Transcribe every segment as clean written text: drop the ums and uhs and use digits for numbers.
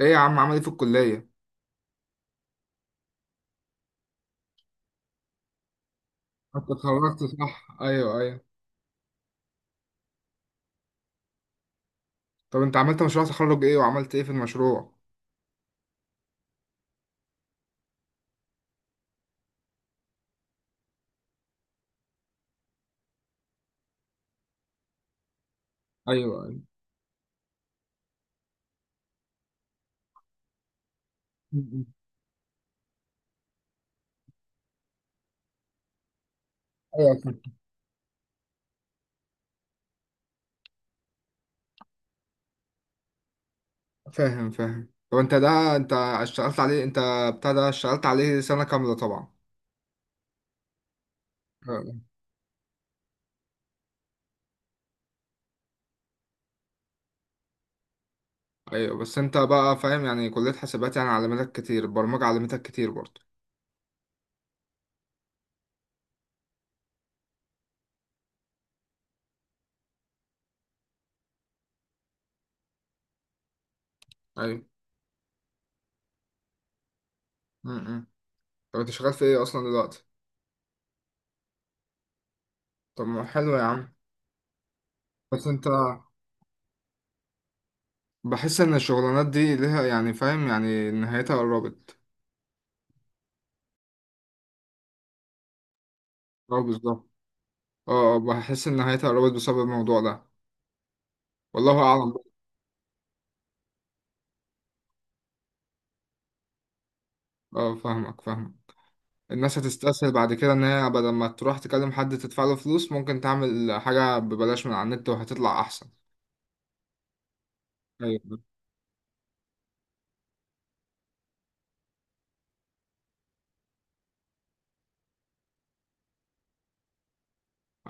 ايه يا عم عمل ايه في الكلية؟ انت اتخرجت صح؟ ايوه، ايوه. طب انت عملت مشروع تخرج ايه وعملت ايه في المشروع؟ ايوه، ايوه. م- م. ايوه، فاهم فاهم فاهم. طب انت اشتغلت عليه انت، بتاع ده اشتغلت عليه سنة كاملة طبعا. آه. ايوه، بس انت بقى فاهم، يعني كلية حاسبات يعني علمتك كتير البرمجة، علمتك كتير برضه. ايوه. م- م. طب انت شغال في ايه اصلا دلوقتي؟ طب ما حلو يا عم. بس انت، بحس ان الشغلانات دي ليها، يعني فاهم، يعني نهايتها قربت. اه بالظبط. اه اه، بحس ان نهايتها قربت بسبب الموضوع ده والله اعلم. اه، فاهمك فاهمك. الناس هتستسهل بعد كده ان هي بدل ما تروح تكلم حد تدفع له فلوس ممكن تعمل حاجة ببلاش من على النت وهتطلع احسن. ايوه،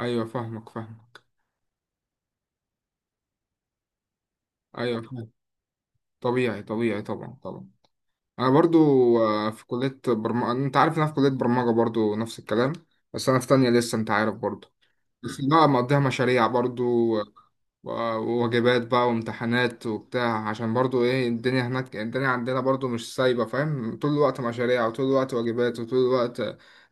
ايوه، فاهمك فاهمك. ايوه، فاهم. طبيعي طبيعي، طبعا طبعا. انا برضو في كلية برمجة، انت عارف إن انا في كلية برمجة برضو نفس الكلام. بس انا في تانية لسه، انت عارف برضو. لا، مقضيها مشاريع برضو، و- وواجبات بقى وامتحانات وبتاع، عشان برضو ايه، الدنيا هناك، الدنيا عندنا برضو مش سايبة فاهم. طول الوقت مشاريع، وطول الوقت واجبات، وطول الوقت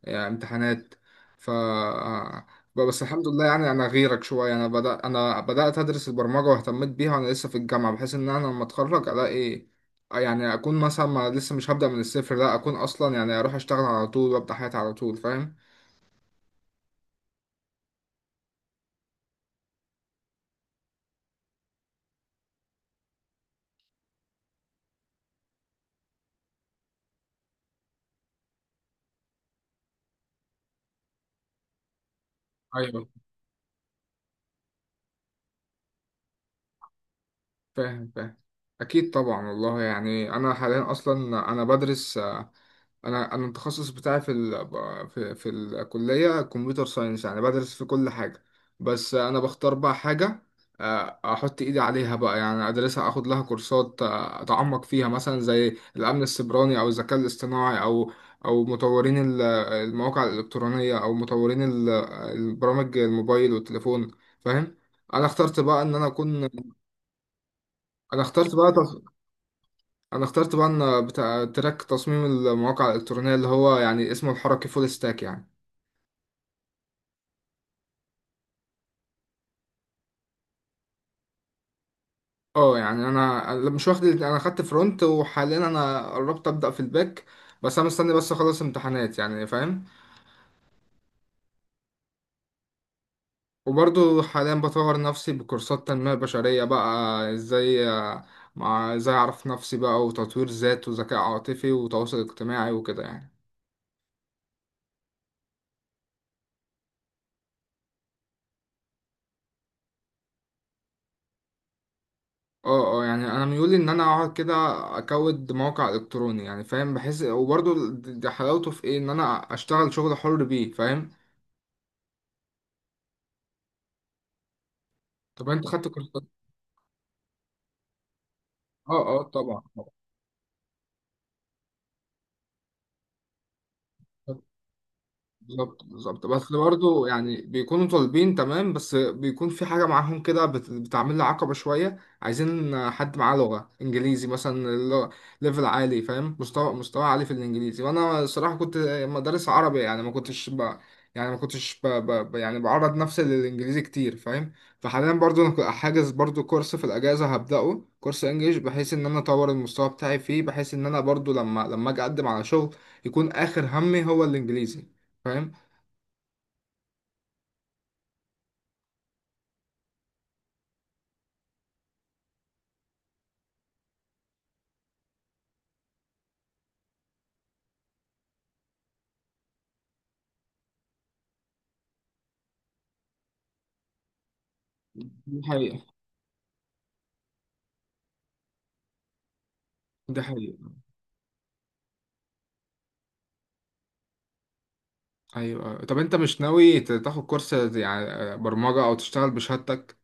امتحانات. ف آه، بس الحمد لله، يعني انا غيرك شويه، انا بدأت ادرس البرمجه واهتميت بيها وانا لسه في الجامعه، بحيث ان انا لما اتخرج الاقي يعني اكون مثلا، ما لسه مش هبدأ من الصفر، لا اكون اصلا يعني اروح اشتغل على طول وابدأ حياتي على طول. فاهم. ايوه فاهم فاهم. اكيد طبعا، والله يعني انا حاليا اصلا انا بدرس انا التخصص بتاعي في الكليه كمبيوتر ساينس يعني بدرس في كل حاجه. بس انا بختار بقى حاجه، احط ايدي عليها بقى، يعني ادرسها اخد لها كورسات، اتعمق فيها مثلا زي الامن السيبراني او الذكاء الاصطناعي، او مطورين المواقع الالكترونيه، او مطورين البرامج الموبايل والتليفون. فاهم. انا اخترت بقى ان انا اكون انا اخترت بقى انا اخترت بقى بتاع تراك تصميم المواقع الالكترونيه، اللي هو يعني اسمه الحركي فول ستاك يعني. اه، يعني انا مش واخد الاتنين، انا خدت فرونت وحاليا انا قربت ابدا في الباك. بس انا مستني بس اخلص امتحانات يعني، فاهم. وبرضو حاليا بطور نفسي بكورسات تنميه بشريه بقى، ازاي مع، ازاي اعرف نفسي بقى، وتطوير ذات وذكاء عاطفي وتواصل اجتماعي وكده يعني. اه اه، يعني انا ميولي ان انا اقعد كده اكود موقع الكتروني يعني، فاهم. بحس وبرضه ده حلاوته في ايه، ان انا اشتغل شغل حر بيه، فاهم. طب انت خدت كورسات؟ اه اه، طبعا طبعا. بالظبط بالظبط. بس برضه يعني بيكونوا طالبين تمام، بس بيكون في حاجة معاهم كده بتعمل لي عقبة شوية، عايزين حد معاه لغة إنجليزي مثلا. اللغة- ليفل عالي، فاهم، مستوى عالي في الإنجليزي، وأنا الصراحة كنت مدرس عربي، يعني ما كنتش ب... ب... ب- يعني بعرض نفسي للإنجليزي كتير، فاهم. فحاليا برضه أنا حاجز برضه كورس في الأجازة، هبدأه كورس إنجليش، بحيث إن أنا أطور المستوى بتاعي فيه، بحيث إن أنا برضه لما أجي أقدم على شغل يكون آخر همي هو الإنجليزي. فاهم. دي حقيقة. دي حقيقة. أيوة أيوة. طب أنت مش ناوي تاخد كورس يعني برمجة أو تشتغل بشهادتك؟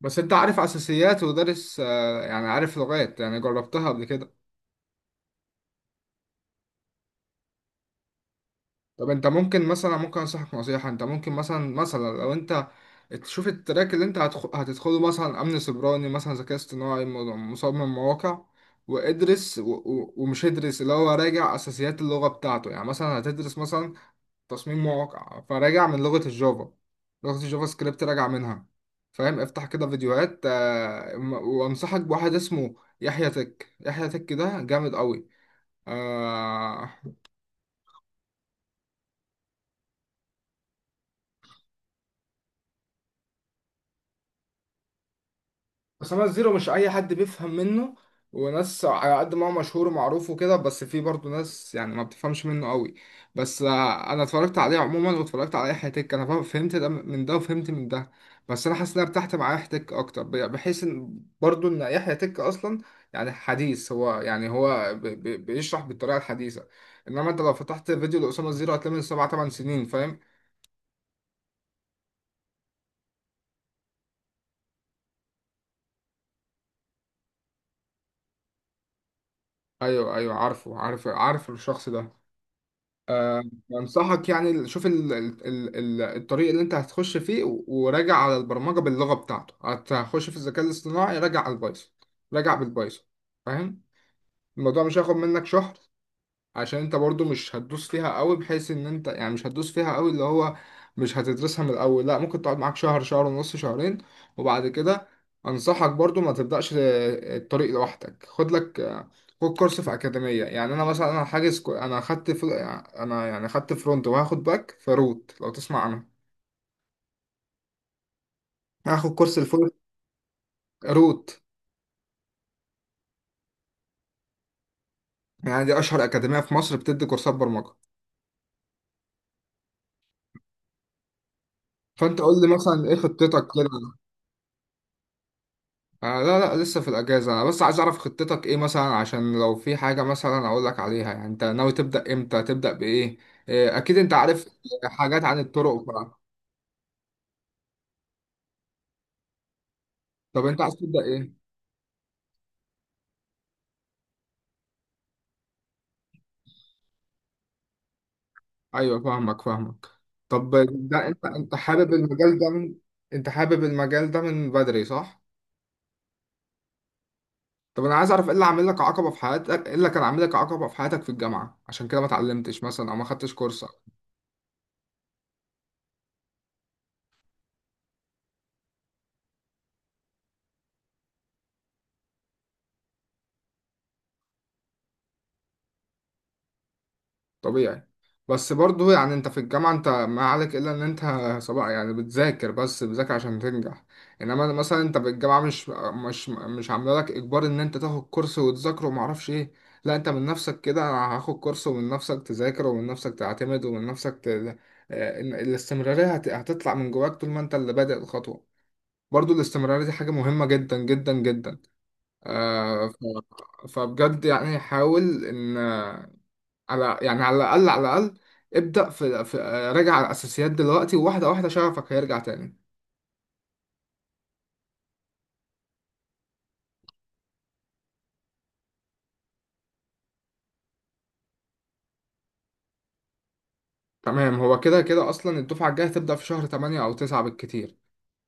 بس أنت عارف أساسيات ودارس يعني عارف لغات يعني جربتها قبل كده. طب أنت ممكن مثلا، ممكن أنصحك نصيحة، أنت ممكن مثلا لو أنت تشوف التراك اللي أنت هتدخله، مثلا أمن سيبراني، مثلا ذكاء اصطناعي، مصمم مواقع، وادرس ومش ادرس اللي هو راجع أساسيات اللغة بتاعته، يعني مثلا هتدرس مثلا تصميم مواقع، فراجع من لغة الجافا، لغة الجافا سكريبت راجع منها، فاهم. افتح كده فيديوهات، وانصحك بواحد اسمه يحيى تك. يحيى تك ده جامد قوي. آه، خمس زيرو مش اي حد بيفهم منه، وناس على قد ما هو مشهور ومعروف وكده، بس في برضه ناس يعني ما بتفهمش منه قوي. بس انا اتفرجت عليه عموما واتفرجت على اي حتك، انا فهمت ده من ده وفهمت من ده، بس انا حاسس ان انا ارتحت مع حتك اكتر، بحيث ان برضه ان يحيى تك اصلا يعني حديث، هو يعني هو بيشرح بالطريقه الحديثه، انما انت لو فتحت فيديو لاسامه زيرو هتلاقي من سبع ثمان سنين، فاهم. ايوه ايوه، عارف عارف الشخص ده. انصحك يعني، شوف الطريق اللي انت هتخش فيه، وراجع على البرمجه باللغه بتاعته، هتخش في الذكاء الاصطناعي راجع على البايثون، راجع بالبايثون، فاهم. الموضوع مش هياخد منك شهر، عشان انت برضو مش هتدوس فيها قوي، بحيث ان انت يعني مش هتدوس فيها قوي اللي هو مش هتدرسها من الاول، لا ممكن تقعد معاك شهر، شهر ونص، شهرين، وبعد كده انصحك برضو ما تبدأش الطريق لوحدك، خد لك خد كورس في أكاديمية. يعني انا مثلا، انا حاجز كو- انا خدت فل... انا يعني خدت فرونت وهاخد باك فروت، لو تسمع عنها. هاخد كورس الفول روت، يعني دي اشهر أكاديمية في مصر بتدي كورسات برمجة. فانت قول لي مثلا ايه خطتك كده. آه، لا، لا، لسه في الأجازة، أنا بس عايز أعرف خطتك إيه مثلا، عشان لو في حاجة مثلا أقول لك عليها، يعني أنت ناوي تبدأ إمتى، تبدأ بإيه، أكيد أنت عارف حاجات عن الطرق طب أنت عايز تبدأ إيه؟ أيوه فاهمك فاهمك. طب ده أنت أنت حابب المجال ده من... أنت حابب المجال ده من بدري صح؟ طب أنا عايز أعرف إيه اللي عامل لك عقبة في حياتك، إيه اللي كان عامل لك عقبة في حياتك في الجامعة عشان كده ما اتعلمتش مثلا أو ما خدتش كورس. طبيعي. بس برضه يعني انت في الجامعة، انت ما عليك الا ان انت صباح يعني بتذاكر، بس بتذاكر عشان تنجح، انما مثلا انت في الجامعة مش عامله لك اجبار ان انت تاخد كورس وتذاكره وما اعرفش ايه. لا، انت من نفسك كده، انا هاخد كورس، ومن نفسك تذاكر، ومن نفسك تعتمد، ومن نفسك ت... اه، ان الاستمرارية هتطلع من جواك طول ما انت اللي بادئ الخطوة، برضه الاستمرارية دي حاجة مهمة جدا جدا جدا. فبجد يعني حاول ان، على يعني على الأقل على الأقل ابدأ في, في آه، راجع على الأساسيات دلوقتي، وواحدة واحدة شغفك هيرجع تاني. تمام، هو كده كده أصلا الدفعة الجاية هتبدأ في شهر 8 أو 9 بالكتير،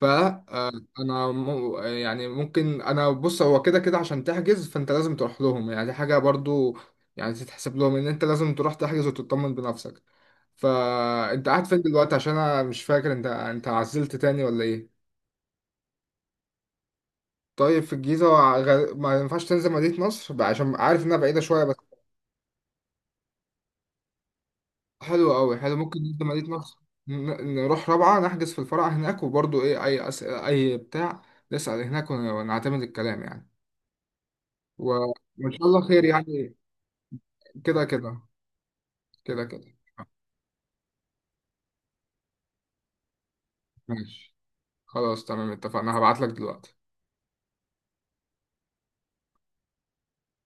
فأنا يعني ممكن أنا بص، هو كده كده عشان تحجز فأنت لازم تروح لهم، يعني دي حاجة برضو يعني تتحسب لهم إن أنت لازم تروح تحجز وتطمن بنفسك. فأنت قاعد فين دلوقتي؟ عشان أنا مش فاكر، أنت عزلت تاني ولا إيه؟ طيب، في الجيزة. ما ينفعش تنزل مدينة نصر بقى، عشان عارف إنها بعيدة شوية. حلو قوي، حلو، ممكن انت مدينة نصر، نروح رابعة نحجز في الفرع هناك، وبرضو ايه، اي أسئلة اي بتاع نسأل هناك، ونعتمد الكلام يعني، وان شاء الله خير يعني. كده كده. كده كده ماشي خلاص تمام اتفقنا، هبعت لك دلوقتي.